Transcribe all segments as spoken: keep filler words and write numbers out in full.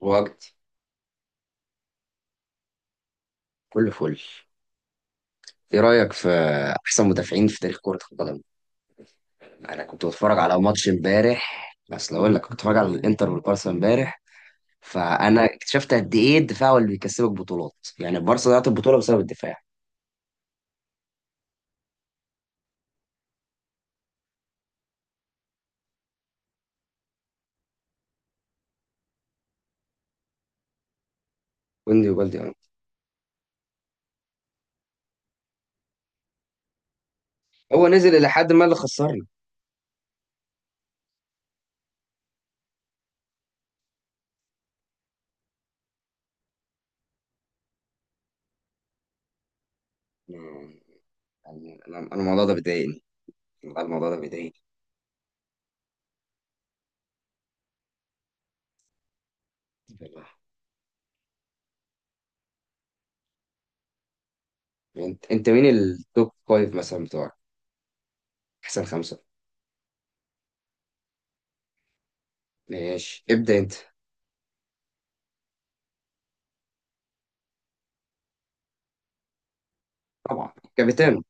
وجدي، كله فل. ايه رأيك في احسن مدافعين في تاريخ كرة القدم؟ انا كنت بتفرج على ماتش امبارح، بس لو اقول لك كنت بتفرج على الانتر والبارسا امبارح، فانا اكتشفت قد ايه الدفاع هو اللي بيكسبك بطولات. يعني البارسا ضيعت البطولة بسبب الدفاع. كوندي وجلدي، اه. هو نزل الى حد ما اللي خسرنا. يعني انا أنا الموضوع ده بيضايقني. والله الموضوع ده بيضايقني والله. انت انت مين التوب فايف مثلا بتوعك؟ احسن خمسة. ماشي، ابدأ انت. طبعا كابتن.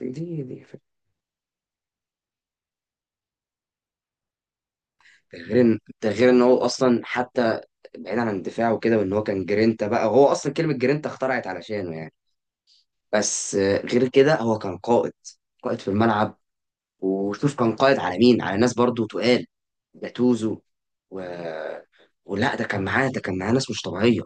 دي دي. ده غير ان ده غير ان هو اصلا حتى بعيدا عن دفاعه وكده، وان هو كان جرينتا، بقى هو اصلا كلمه جرينتا اخترعت علشانه يعني. بس آه، غير كده هو كان قائد. قائد في الملعب. وشوف كان قائد على مين، على ناس برضو تقال، جاتوزو و... ولا، ده كان معاه ده كان معاه ناس مش طبيعيه.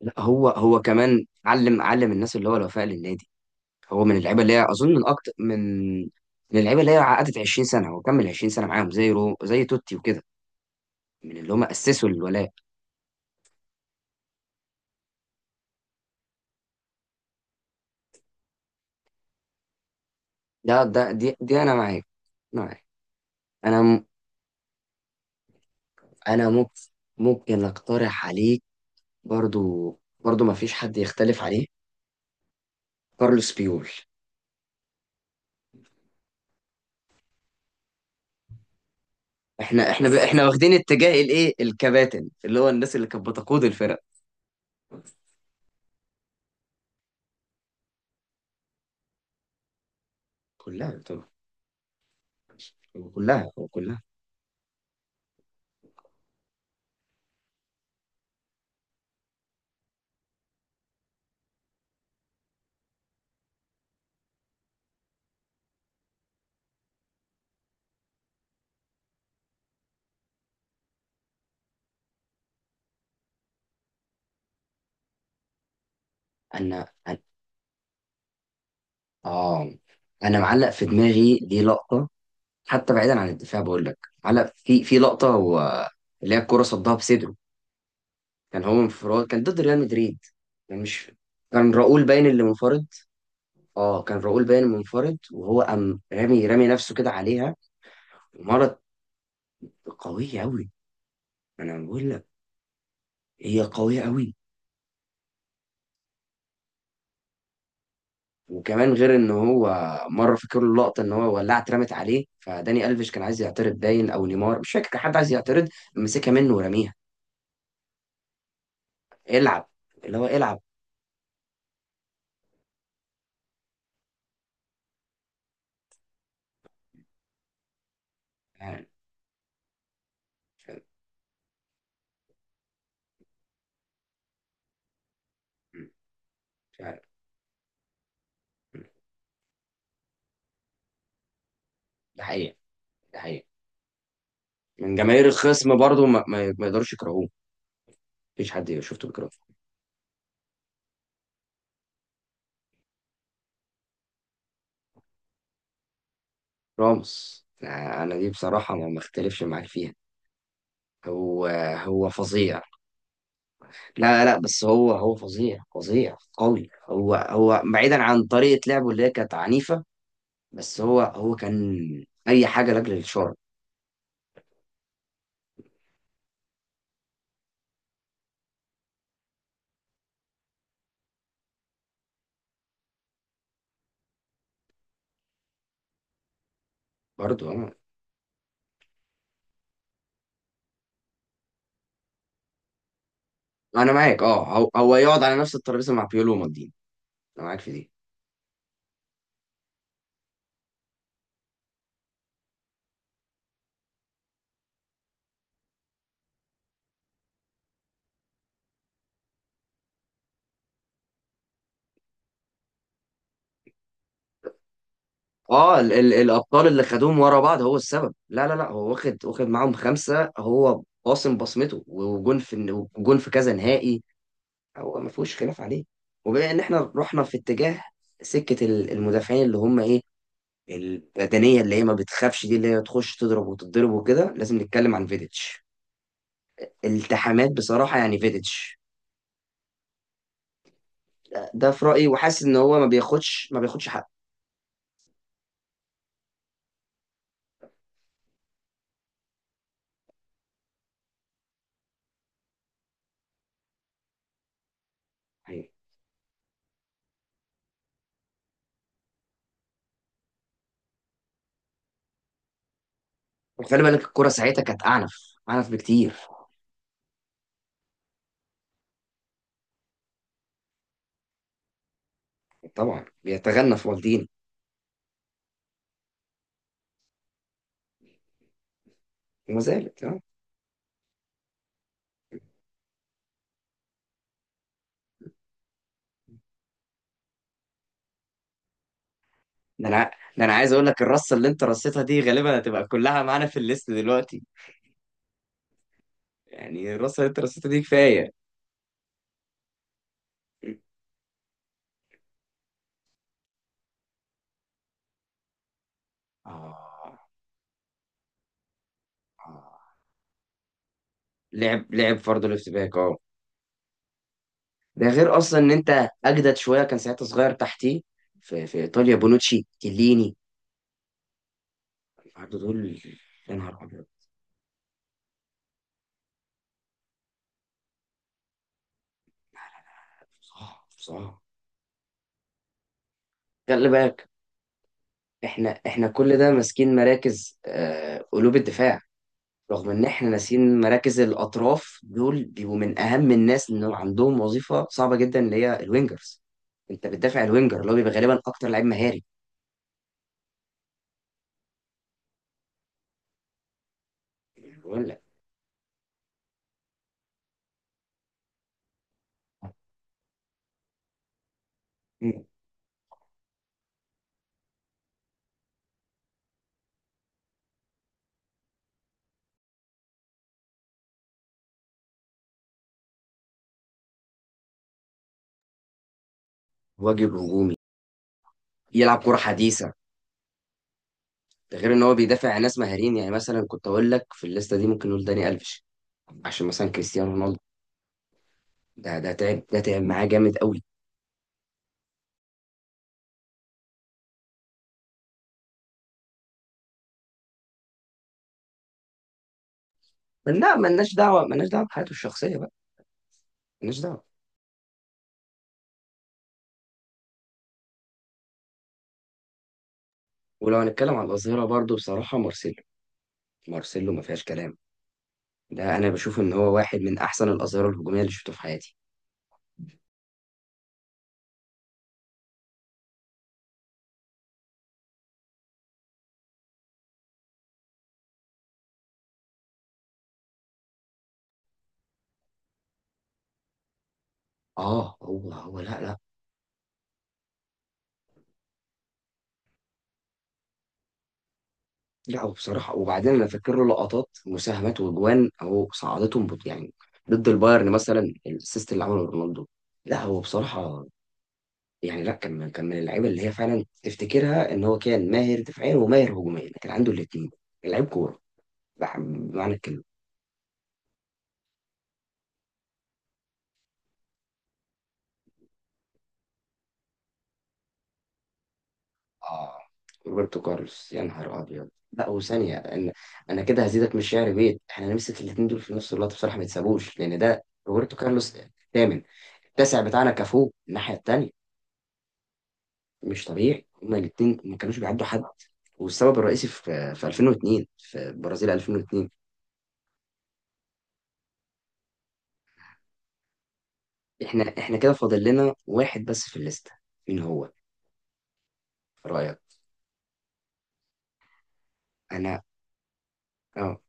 لا، هو هو كمان علم علم الناس اللي هو الوفاء للنادي. هو من اللعيبه اللي هي اظن من اكتر من من اللعيبه اللي هي عقدت عشرين سنة سنه، هو كمل عشرين سنة سنه معاهم، زي رو... زي توتي وكده، من اللي هم اسسوا الولاء. ده ده دي دي انا معاك معاك. انا م- انا ممكن ممكن اقترح عليك. برضو برضو ما فيش حد يختلف عليه: كارلوس بيول. احنا احنا ب... احنا واخدين اتجاه الايه، الكباتن، اللي هو الناس اللي كانت بتقود الفرق. كلها طبعا، كلها كلها. انا انا اه انا معلق في دماغي دي لقطه، حتى بعيدا عن الدفاع بقول لك. معلق في في لقطه هو، اللي هي الكره صدها بصدره. كان هو منفرد، كان ضد ريال مدريد. كان مش، كان راؤول باين اللي منفرد. اه، كان راؤول باين منفرد، وهو قام رامي رامي نفسه كده عليها ومرض. قوية أوي، أنا بقول لك، هي قوية أوي. وكمان غير إن هو مرة فاكر له اللقطة، إن هو ولعت اترمت عليه، فداني ألفيش كان عايز يعترض، باين أو نيمار مش فاكر، كان حد عايز يعترض، مسكها منه ورميها: العب. اللي هو العب. يعني مش عارف- مش عارف. ده حقيقة، ده حقيقة. من جماهير الخصم برضو ما, ما ما يقدروش يكرهوه. مفيش حد شفته بيكرهه. راموس، أنا أنا دي بصراحة ما ما اختلفش معاك فيها. هو هو فظيع. لا لا، بس هو هو فظيع فظيع قوي. هو هو بعيدا عن طريقة لعبه اللي هي كانت عنيفة، بس هو هو كان أي حاجة لأجل الشر. برضو أنا أنا معاك، أه، هو, هو يقعد على نفس الترابيزة مع بيولو ومالديني. أنا معاك في دي. أه، ال ال الأبطال اللي خدوهم ورا بعض هو السبب. لا لا لا، هو واخد واخد معاهم خمسة، هو قاسم بصمته وجون في وجون في كذا نهائي. هو ما فيهوش خلاف عليه. وبما إن إحنا رحنا في اتجاه سكة ال- المدافعين اللي هم إيه، البدنيه اللي هي ما بتخافش، دي اللي هي تخش تضرب وتتضرب وكده، لازم نتكلم عن فيديتش. التحامات بصراحه، يعني فيديتش. ده ده في رايي، وحاسس ان هو ما بياخدش ما بياخدش حقه حقيقي. وخلي بالك الكره ساعتها كانت اعنف، اعنف بكتير. طبعا بيتغنى في والدين. وما زالت، اه. ده انا ده انا عايز اقول لك، الرصه اللي انت رصيتها دي غالبا هتبقى كلها معانا في الليست دلوقتي. يعني الرصه اللي انت رصيتها دي كفايه. آه. آه. لعب لعب برضه ليفت باك، اه. ده غير اصلا ان انت اجدد شويه، كان ساعتها صغير تحتيه في, في ايطاليا: بونوتشي، كيليني. النهارده دول، يا نهار ابيض. صعب صعب. خلي بالك، احنا احنا كل ده ماسكين مراكز آه، قلوب الدفاع، رغم ان احنا ناسيين مراكز الاطراف. دول بيبقوا من اهم الناس، ان عندهم وظيفه صعبه جدا اللي هي الوينجرز. انت بتدافع الوينجر اللي هو بيبقى غالبا اكتر لعيب مهاري. بقول لك، واجب هجومي، يلعب كره حديثه، ده غير ان هو بيدافع عن ناس مهاريين. يعني مثلا كنت اقول لك في الليسته دي ممكن نقول داني الفيش، عشان مثلا كريستيانو رونالدو ده ده تعب ده تعب معاه جامد قوي. لا، ملناش دعوه، ملناش دعوه بحياته الشخصيه بقى، ملناش دعوه. ولو هنتكلم على الاظهره برضه بصراحه، مارسيلو. مارسيلو ما فيهاش كلام. ده انا بشوف ان هو واحد من احسن الاظهره الهجوميه اللي شفته في حياتي. اه، هو هو لا لا. لا، هو بصراحه، وبعدين انا فاكر له لقطات مساهمات واجوان اهو صعدتهم بط- يعني، ضد البايرن مثلا، الاسيست اللي عمله رونالدو. لا هو بصراحه، يعني لا، كان من- كان من اللعيبه اللي هي فعلا تفتكرها ان هو كان ماهر دفاعيا وماهر هجوميا، كان عنده الاثنين. لعيب كوره بح- بمعنى الكلمه. اه، روبرتو كارلوس، يا نهار ابيض. لا، وثانيه ان انا كده هزيدك من الشعر بيت، احنا نمسك الاثنين دول في نفس الوقت بصراحه، ما يتسابوش، لان ده روبرتو كارلوس الثامن، التاسع بتاعنا كافو الناحيه الثانيه. مش طبيعي، هما الاثنين ما كانوش بيعدوا حد. والسبب الرئيسي في في ألفين واثنين، في برازيل ألفين واتنين. احنا احنا كده فاضل لنا واحد بس في الليسته. مين هو؟ رأيك؟ انا اه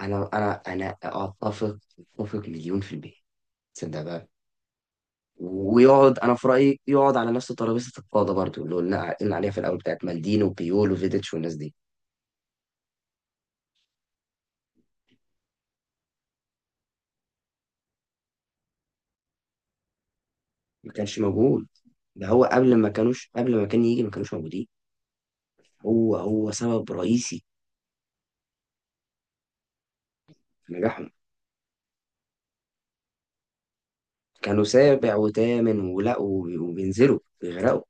انا انا انا اتفق، اتفق مليون في المية. تصدق بقى؟ ويقعد، انا في رأيي يقعد على نفس ترابيزة القادة برضو، اللي قلنا قلنا عليها في الاول بتاعت مالديني وبيول وفيديتش والناس دي. ما كانش موجود، ده هو قبل ما كانوش، قبل ما كان يجي ما كانوش موجودين. هو هو سبب رئيسي في نجاحهم. كانوا سابع وثامن، ولا وب- وبينزلوا بيغرقوا.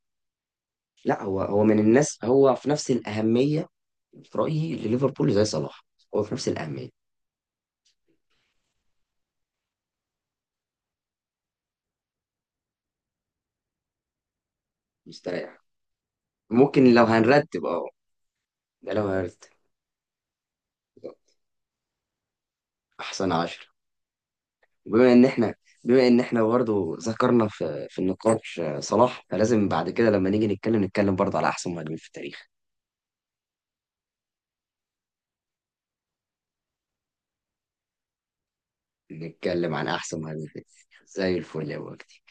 لا، هو هو من الناس، هو في نفس الأهمية، في رأيي لليفربول، زي صلاح. هو في نفس الأهمية. مستريح. ممكن لو هنرتب، اه. ده لو هنرتب احسن عشرة. بما ان احنا بما ان احنا برضه ذكرنا في في النقاش آه، صلاح، فلازم بعد كده لما نيجي نتكلم نتكلم برضه على احسن مهاجمين في التاريخ. نتكلم عن احسن مهاجمين في التاريخ زي الفل يا وجدي.